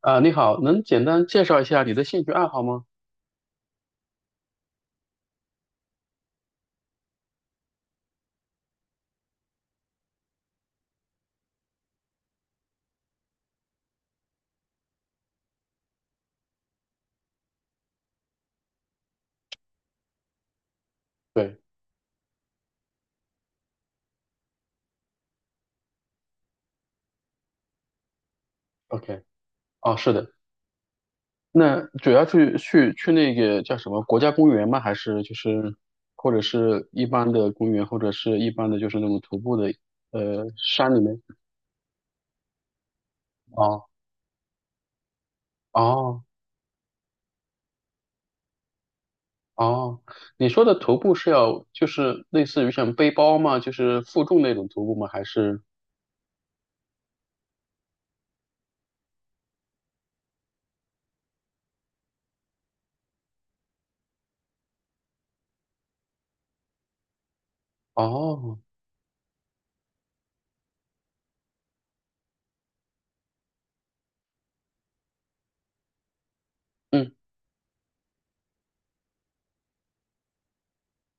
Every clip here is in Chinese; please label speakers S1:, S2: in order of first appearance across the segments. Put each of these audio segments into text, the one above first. S1: 啊，你好，能简单介绍一下你的兴趣爱好吗？对，OK，哦，是的，那主要去那个叫什么国家公园吗？还是就是或者是一般的公园，或者是一般的就是那种徒步的山里面？哦哦哦，你说的徒步是要就是类似于像背包吗？就是负重那种徒步吗？还是哦嗯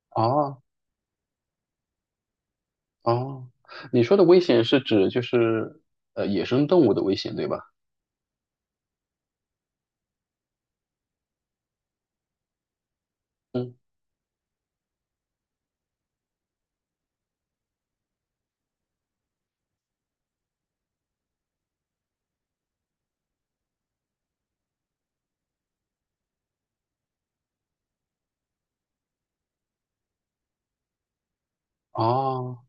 S1: 哦哦，你说的危险是指就是野生动物的危险对吧？嗯。哦，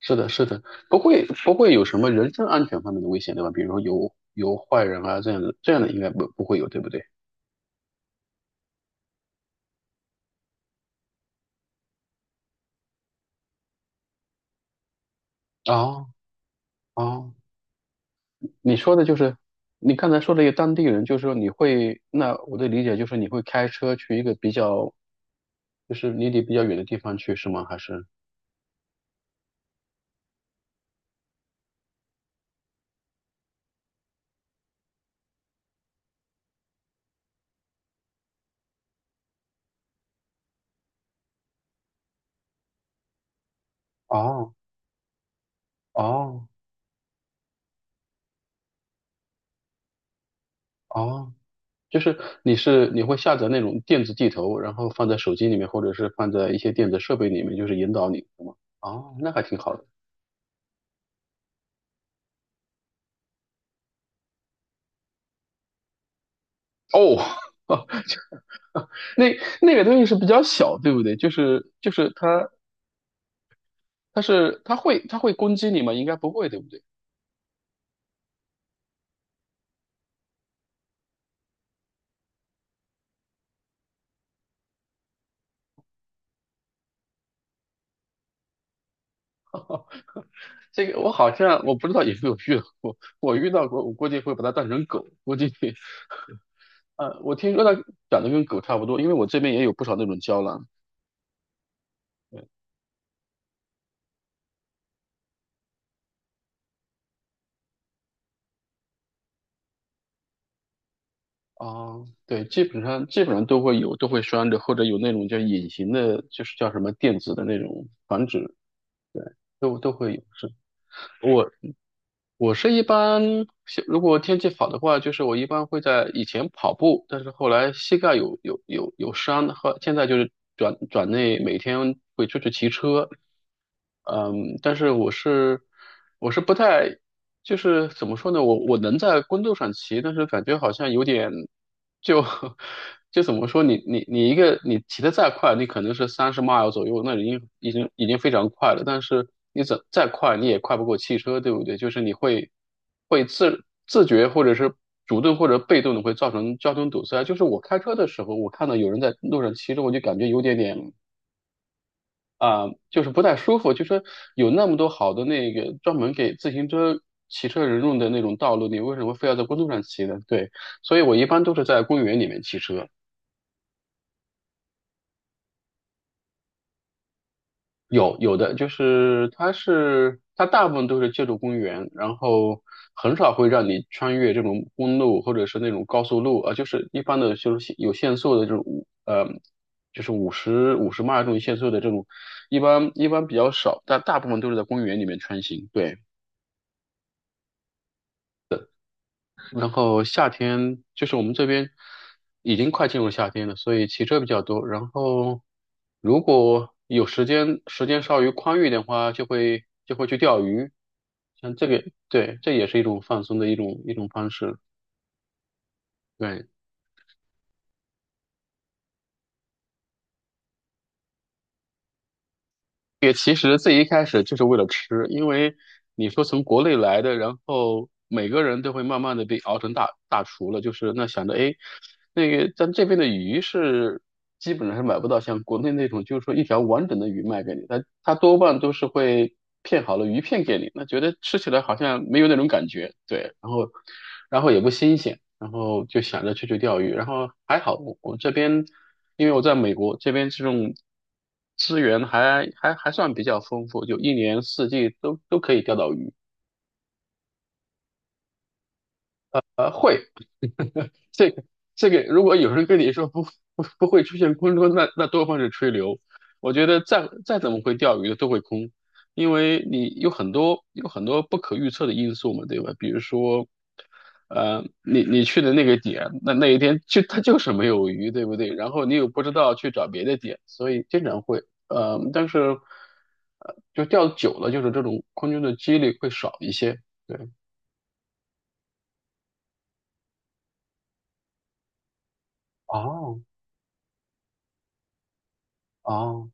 S1: 是的，是的，不会有什么人身安全方面的危险，对吧？比如说有坏人啊这样的，这样的应该不会有，对不对？哦哦，你说的就是你刚才说的一个当地人，就是说你会，那我的理解就是你会开车去一个比较，就是离你比较远的地方去，是吗？还是？哦哦哦，就是你会下载那种电子地图，然后放在手机里面，或者是放在一些电子设备里面，就是引导你，是吗？哦，那还挺好的。哦，那那个东西是比较小，对不对？就是它会攻击你吗？应该不会，对不对？这个我好像我不知道有没有遇到过，我遇到过，我估计会把它当成狗，估计，我听说它长得跟狗差不多，因为我这边也有不少那种胶囊啊，对，基本上都会有，都会拴着，或者有那种叫隐形的，就是叫什么电子的那种防止，都会有。是，我是一般，像如果天气好的话，就是我一般会在以前跑步，但是后来膝盖有伤，后现在就是转转内每天会出去骑车，嗯，但是我是不太，就是怎么说呢，我能在公路上骑，但是感觉好像有点。就 就怎么说你一个你骑的再快，你可能是30 mile 左右，那已经非常快了。但是你怎再快，你也快不过汽车，对不对？就是你会自觉或者是主动或者被动的会造成交通堵塞。就是我开车的时候，我看到有人在路上骑着，我就感觉有点点啊、就是不太舒服。就说有那么多好的那个专门给自行车，骑车人用的那种道路，你为什么非要在公路上骑呢？对，所以我一般都是在公园里面骑车。有的就是它大部分都是借助公园，然后很少会让你穿越这种公路或者是那种高速路啊，就是一般的就是有限速的这种就是五十迈这种限速的这种，一般比较少，但大部分都是在公园里面穿行。对。然后夏天就是我们这边已经快进入夏天了，所以骑车比较多。然后如果有时间，时间稍微宽裕的话，就会去钓鱼。像这个，对，这也是一种放松的一种方式。对。也其实最一开始就是为了吃，因为你说从国内来的，然后每个人都会慢慢的被熬成大厨了，就是那想着哎，那个咱这边的鱼是基本上是买不到像国内那种，就是说一条完整的鱼卖给你，它多半都是会片好了鱼片给你，那觉得吃起来好像没有那种感觉，对，然后也不新鲜。然后就想着去钓鱼，然后还好我这边，因为我在美国这边这种资源还算比较丰富，就一年四季都可以钓到鱼，会 这个这个，如果有人跟你说不会出现空中，那多半是吹牛。我觉得再怎么会钓鱼的都会空，因为你有很多不可预测的因素嘛，对吧？比如说，你去的那个点，那一天就它就是没有鱼，对不对？然后你又不知道去找别的点，所以经常会，但是就钓久了，就是这种空中的几率会少一些。对，哦哦，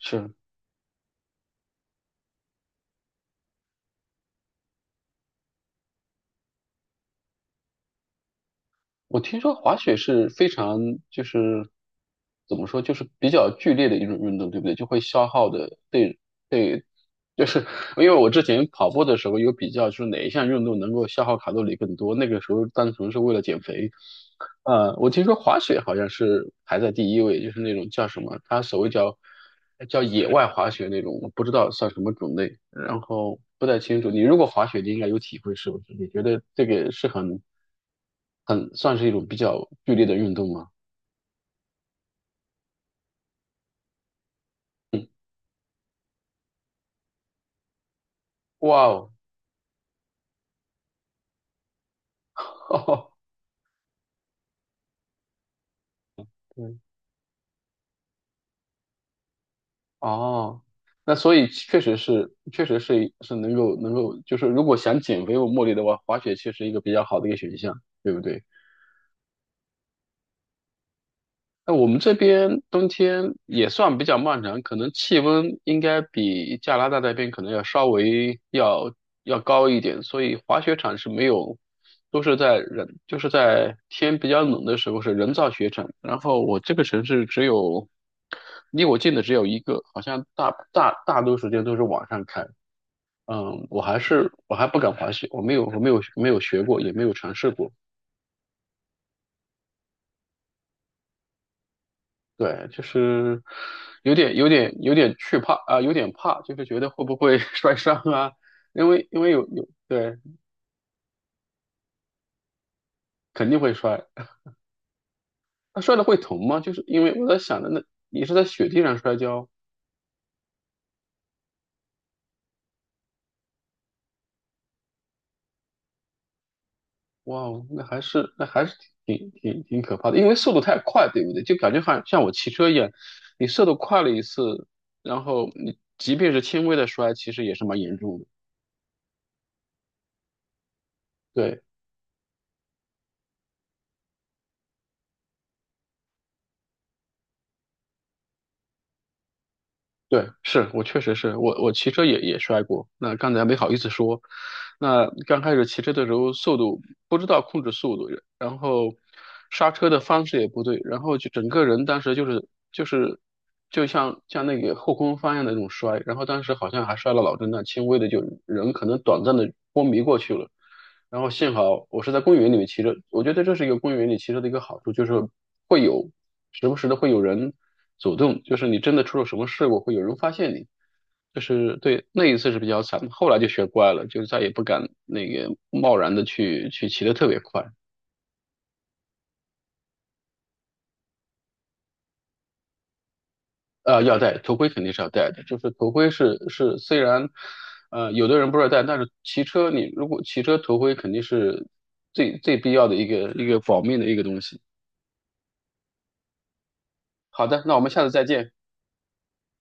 S1: 是。我听说滑雪是非常就是怎么说，就是比较剧烈的一种运动，对不对？就会消耗的，对对，就是因为我之前跑步的时候有比较，就是哪一项运动能够消耗卡路里更多，那个时候单纯是为了减肥。我听说滑雪好像是排在第一位，就是那种叫什么，它所谓叫野外滑雪那种，我不知道算什么种类。然后不太清楚。你如果滑雪，你应该有体会，是不是？你觉得这个是很算是一种比较剧烈的运动吗？嗯，哇哦，哦对，哦，那所以确实是，确实是能够，就是如果想减肥或目的的话，滑雪确实一个比较好的一个选项，对不对？那我们这边冬天也算比较漫长，可能气温应该比加拿大那边可能要稍微要高一点，所以滑雪场是没有，都是在人就是在天比较冷的时候是人造雪场。然后我这个城市只有离我近的只有一个，好像大多时间都是晚上开。嗯，我还不敢滑雪，我没有学过，也没有尝试过。对，就是有点惧怕啊、有点怕，就是觉得会不会 摔伤啊？因为有对，肯定会摔。那摔了会疼吗？就是因为我在想着，那你是在雪地上摔跤，哇哦，那还是挺挺挺可怕的，因为速度太快，对不对？就感觉好像像我骑车一样，你速度快了一次，然后你即便是轻微的摔，其实也是蛮严重的。对，对，是我确实是我骑车也摔过，那刚才没好意思说。那刚开始骑车的时候，速度不知道控制速度，然后刹车的方式也不对，然后就整个人当时就是就像那个后空翻一样的那种摔，然后当时好像还摔了脑震荡，轻微的就人可能短暂的昏迷过去了。然后幸好我是在公园里面骑车，我觉得这是一个公园里骑车的一个好处，就是会有时不时的会有人走动，就是你真的出了什么事故，会有人发现你。就是对那一次是比较惨，后来就学乖了，就再也不敢那个贸然的去骑的特别快。要戴头盔肯定是要戴的，就是头盔是虽然，有的人不知道戴，但是骑车你如果骑车头盔肯定是最必要的一个保命的一个东西。好的，那我们下次再见。